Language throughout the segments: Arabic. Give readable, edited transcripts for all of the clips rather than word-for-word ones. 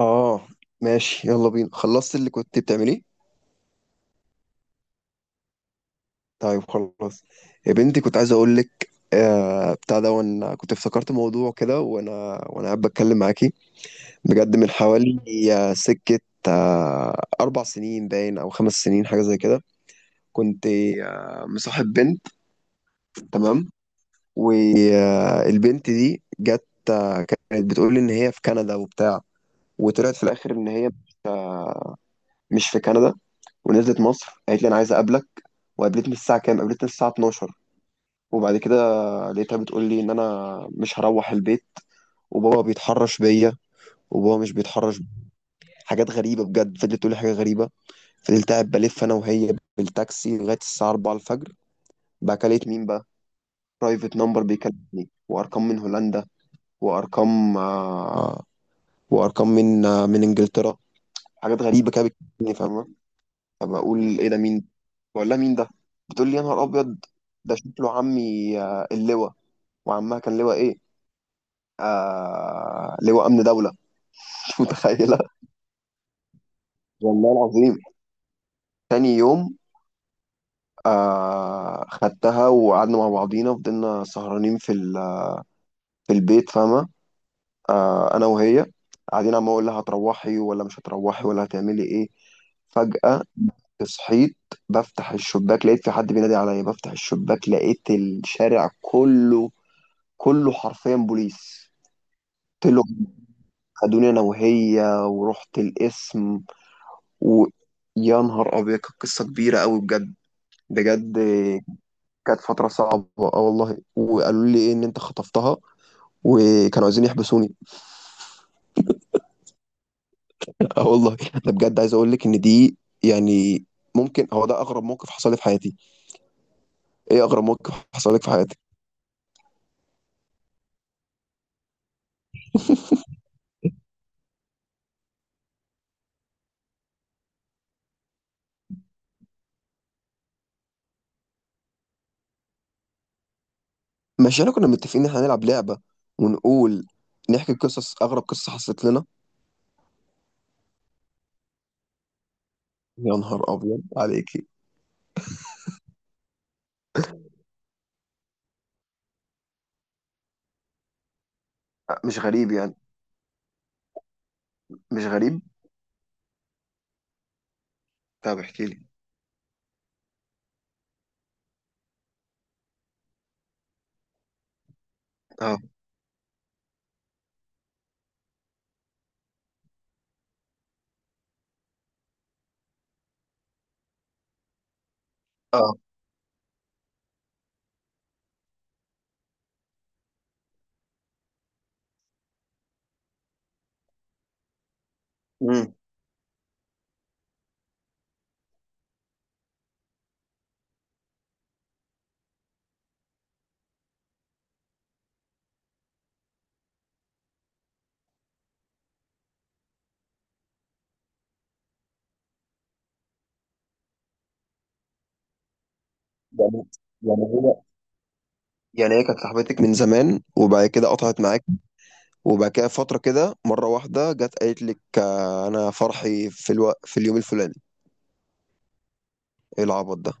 اه ماشي يلا بينا. خلصت اللي كنت بتعمليه؟ طيب خلاص يا بنتي. كنت عايز اقول لك بتاع ده، وانا كنت افتكرت موضوع كده وانا قاعد بتكلم معاكي. بجد من حوالي آه، سكة آه اربع سنين باين او خمس سنين حاجة زي كده. كنت مصاحب بنت، تمام؟ والبنت دي جت كانت بتقول لي ان هي في كندا وبتاع، وطلعت في الاخر ان هي مش مش في كندا. ونزلت مصر قالت لي انا عايزه اقابلك، وقابلتني الساعه كام؟ قابلتني الساعه 12. وبعد كده لقيتها بتقول لي ان انا مش هروح البيت، وبابا بيتحرش بيا. وبابا مش بيتحرش بيا. حاجات غريبه بجد، فضلت تقول لي حاجه غريبه. فضلت قاعد بلف انا وهي بالتاكسي لغايه الساعه 4 الفجر. بقى كلمت مين بقى؟ برايفت نمبر بيكلمني، وارقام من هولندا، وارقام وارقام من من انجلترا. حاجات غريبه كده بتكلمني، فاهم؟ فما اقول ايه ده مين؟ بقول لها مين ده، بتقول لي يا نهار ابيض، ده شكله عمي، اللواء. وعمها كان لواء ايه؟ آه، لواء امن دوله. مش متخيله. والله العظيم. تاني يوم خدتها وقعدنا مع بعضينا، فضلنا سهرانين في البيت، فاهمه؟ آه، انا وهي قاعدين، عم اقول لها هتروحي ولا مش هتروحي ولا هتعملي ايه. فجأة صحيت بفتح الشباك، لقيت في حد بينادي عليا، بفتح الشباك لقيت الشارع كله، كله حرفيا بوليس. قلت له خدوني انا وهي، ورحت القسم و يا نهار ابيض، كانت قصه كبيره قوي بجد، بجد. كانت فتره صعبه، اه والله. وقالوا لي ايه؟ ان انت خطفتها، وكانوا عايزين يحبسوني. اه والله. ده بجد عايز اقول لك ان دي، يعني ممكن هو ده اغرب موقف حصل لي في حياتي. ايه اغرب موقف حصل لك في حياتك؟ مش احنا كنا متفقين ان احنا هنلعب لعبه، ونقول، نحكي قصص اغرب قصه حصلت لنا؟ يا نهار ابيض عليكي. آه، مش غريب يعني؟ مش غريب. طب احكي لي. اه. اه. امم. يعني، يعني هي يعني هي كانت صاحبتك من زمان، وبعد كده قطعت معاك، وبعد كده فترة كده مرة واحدة جت قالت لك انا فرحي في الو... في اليوم الفلاني؟ ايه العبط ده.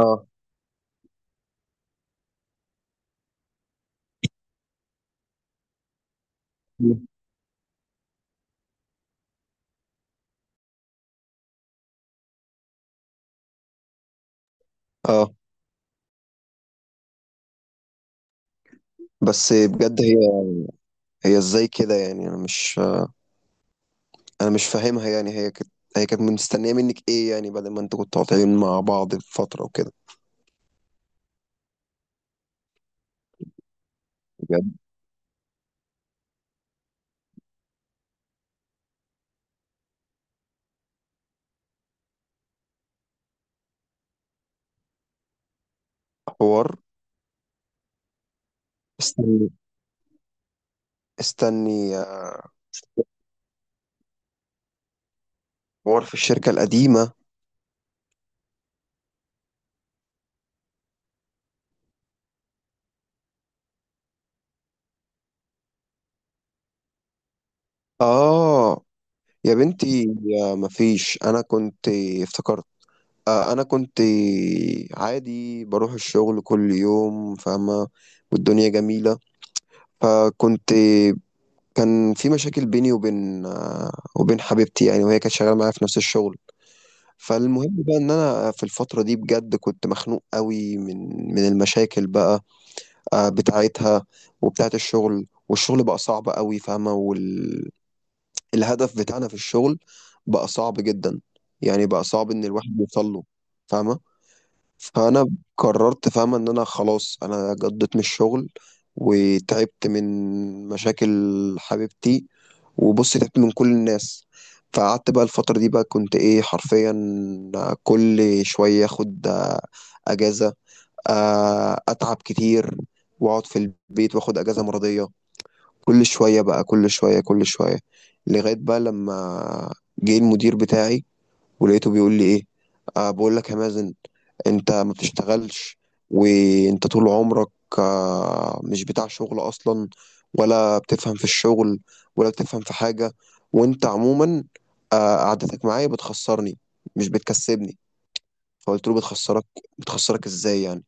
اه. مم. اه بس بجد هي، هي ازاي كده يعني؟ انا مش، انا مش فاهمها. يعني هي كانت، هي كانت مستنية منك ايه يعني، بدل ما انتوا كنتوا قاطعين مع بعض فترة وكده؟ بجد. حوار، استني، استني. حوار في الشركة القديمة. اه. يا بنتي، يا مفيش، انا كنت افتكرت، انا كنت عادي بروح الشغل كل يوم، فاهمة، والدنيا جميلة. فكنت، كان في مشاكل بيني وبين وبين حبيبتي يعني، وهي كانت شغالة معايا في نفس الشغل. فالمهم بقى ان انا في الفترة دي بجد كنت مخنوق قوي من المشاكل بقى، بتاعتها وبتاعت الشغل. والشغل بقى صعب قوي، فاهمة؟ الهدف بتاعنا في الشغل بقى صعب جدا، يعني بقى صعب ان الواحد يوصل له، فاهمه؟ فانا قررت، فاهمه، ان انا خلاص انا جضيت من الشغل وتعبت من مشاكل حبيبتي، وبص تعبت من كل الناس. فقعدت بقى الفترة دي بقى كنت ايه حرفيا، كل شوية اخد اجازة، اتعب كتير واقعد في البيت، واخد اجازة مرضية كل شوية بقى، كل شوية. لغاية بقى لما جه المدير بتاعي، ولقيته بيقول لي ايه، أه بقول لك يا مازن، انت ما بتشتغلش، وانت طول عمرك أه مش بتاع شغل اصلا، ولا بتفهم في الشغل، ولا بتفهم في حاجة، وانت عموما أه قعدتك معايا بتخسرني، مش بتكسبني. فقلت له بتخسرك؟ بتخسرك ازاي يعني؟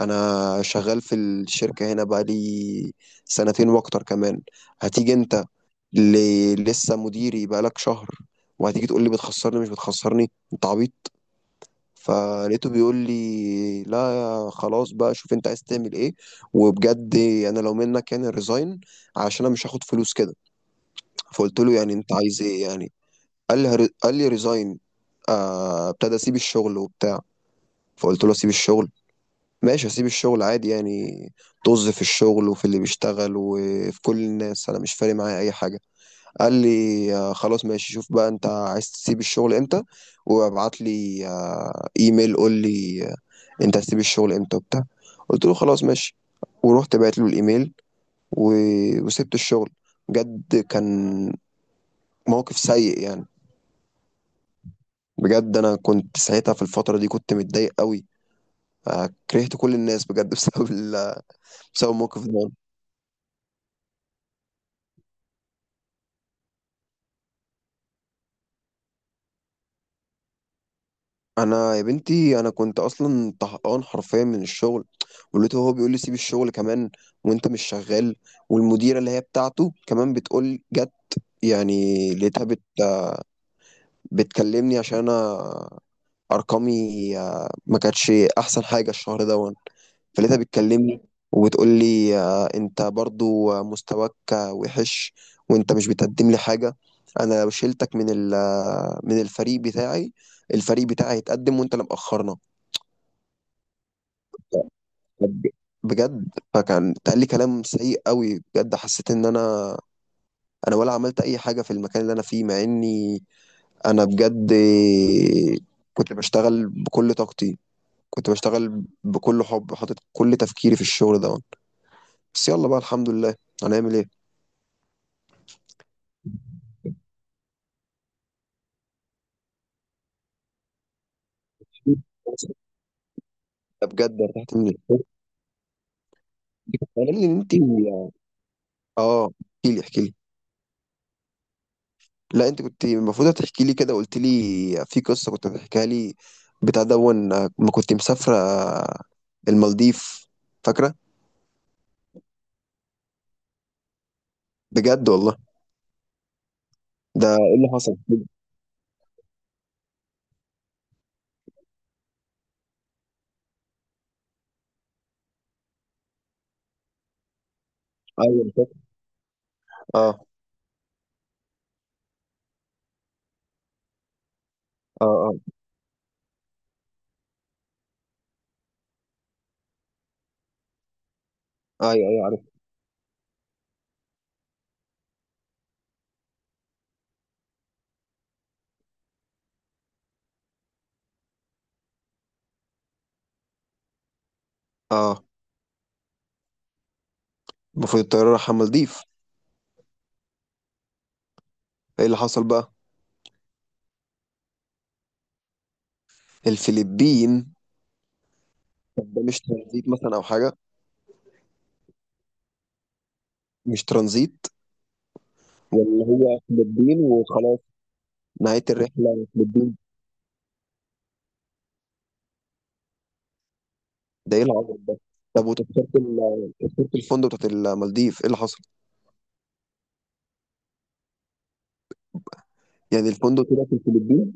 انا شغال في الشركة هنا بقى لي سنتين واكتر كمان، هتيجي انت اللي لسه مديري بقالك شهر، وهتيجي تقول لي بتخسرني؟ مش بتخسرني انت عبيط؟ فلقيته بيقول لي لا خلاص بقى، شوف انت عايز تعمل ايه. وبجد انا لو منك يعني ريزاين، عشان انا مش هاخد فلوس كده. فقلت له يعني انت عايز ايه يعني؟ قال لي قال لي ريزاين، ابتدى اسيب الشغل وبتاع. فقلت له اسيب الشغل؟ ماشي اسيب الشغل عادي يعني، طز في الشغل وفي اللي بيشتغل وفي كل الناس، انا مش فارق معايا اي حاجه. قال لي خلاص ماشي، شوف بقى انت عايز تسيب الشغل امتى، وابعت لي ايميل قول لي انت هتسيب الشغل امتى وبتاع. قلت له خلاص ماشي. ورحت بعت له الايميل و... وسبت الشغل. بجد كان موقف سيء يعني. بجد انا كنت ساعتها في الفترة دي كنت متضايق قوي، كرهت كل الناس بجد. بسبب الموقف ده. انا يا بنتي انا كنت اصلا طهقان حرفيا من الشغل، ولقيته هو بيقول لي سيب الشغل كمان، وانت مش شغال. والمديره اللي هي بتاعته كمان بتقول، جت يعني، لقيتها بتكلمني عشان انا ارقامي ما كانتش احسن حاجه الشهر ده. فلقيتها بتكلمني وبتقول لي انت برضو مستواك وحش، وانت مش بتقدم لي حاجه، انا لو شلتك من ال- آه، من الفريق بتاعي، الفريق بتاعي هيتقدم وانت اللي مأخرنا. بجد. بجد. فكان اتقال لي كلام سيء قوي بجد، حسيت ان انا، انا ولا عملت اي حاجه في المكان اللي انا فيه، مع اني انا بجد كنت بشتغل بكل طاقتي، كنت بشتغل بكل حب، حاطط كل تفكيري في الشغل ده. بس يلا بقى، الحمد لله، هنعمل ايه. بجد ارتحت من الشغل. قال لي ان انت، اه احكي لي احكي لي. لا انت كنت المفروض هتحكي لي، كده قلت لي في قصه كنت بتحكيها لي، بتاع دون ما كنت مسافره المالديف، فاكره؟ بجد والله. ده ايه اللي حصل؟ ايوه أنا فاكر. اه. اه. اه. ايوه ايوه عارف. اه. المفروض الطياره رايحه المالديف، ايه اللي حصل بقى؟ الفلبين؟ طب ده مش ترانزيت مثلا او حاجه؟ مش ترانزيت؟ ولا هو فلبين وخلاص؟ نهايه الرحله فلبين؟ ده ايه العبط ده. طب تذكره الفندق بتاعت المالديف ايه اللي حصل؟ يعني الفندق كده في الفلبين؟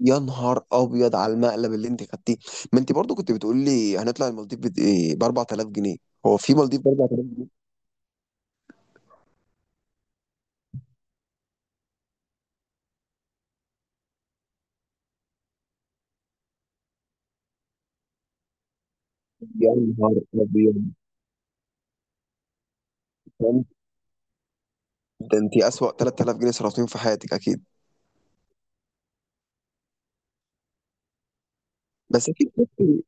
يا نهار ابيض على المقلب اللي انت خدتيه. ما انت برضو كنت بتقول لي هنطلع المالديف ايه ب 4000 جنيه؟ هو في مالديف ب 4000 جنيه؟ يا نهار ابيض، ده انت اسوأ 3000 جنيه صرفتيهم في حياتك اكيد. بس اكيد شفت،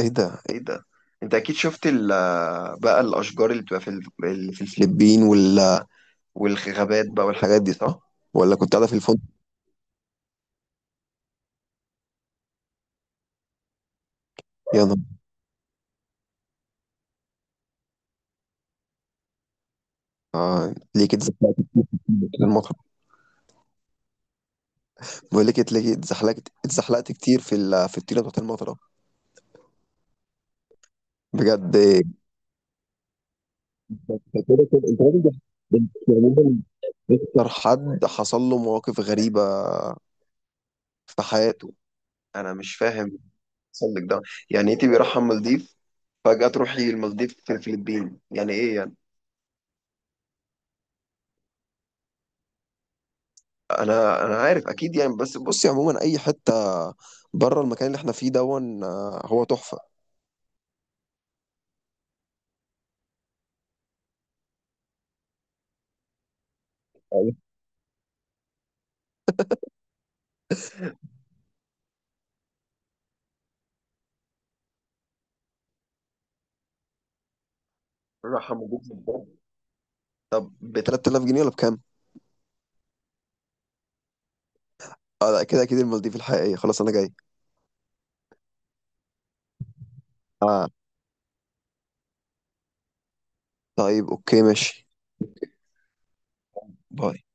ايه ده ايه ده، انت اكيد شفت بقى الاشجار اللي بتبقى اللي في الفلبين والغابات بقى والحاجات دي صح؟ ولا كنت قاعده في الفندق؟ يا نهار آه. ليه كده زعلت؟ المطر. بقول لك اتلاقي، اتزحلقت كتير في الطيله بتاعت المطره؟ بجد انت انت راجل، ده انت عموما اكتر حد حصل له مواقف غريبه في حياته. انا مش فاهم حصل لك ده، يعني انت بيرحم مالديف، فجأة تروحي المالديف في الفلبين؟ يعني ايه يعني؟ انا عارف اكيد يعني، بس بصي عموما اي حته بره المكان اللي احنا فيه دون هو تحفه. أيوة. رحم وجوز البر. طب ب 3000 جنيه ولا بكام؟ آه لا، كده اكيد المالديف الحقيقيه، خلاص انا جاي. آه، طيب اوكي ماشي. باي.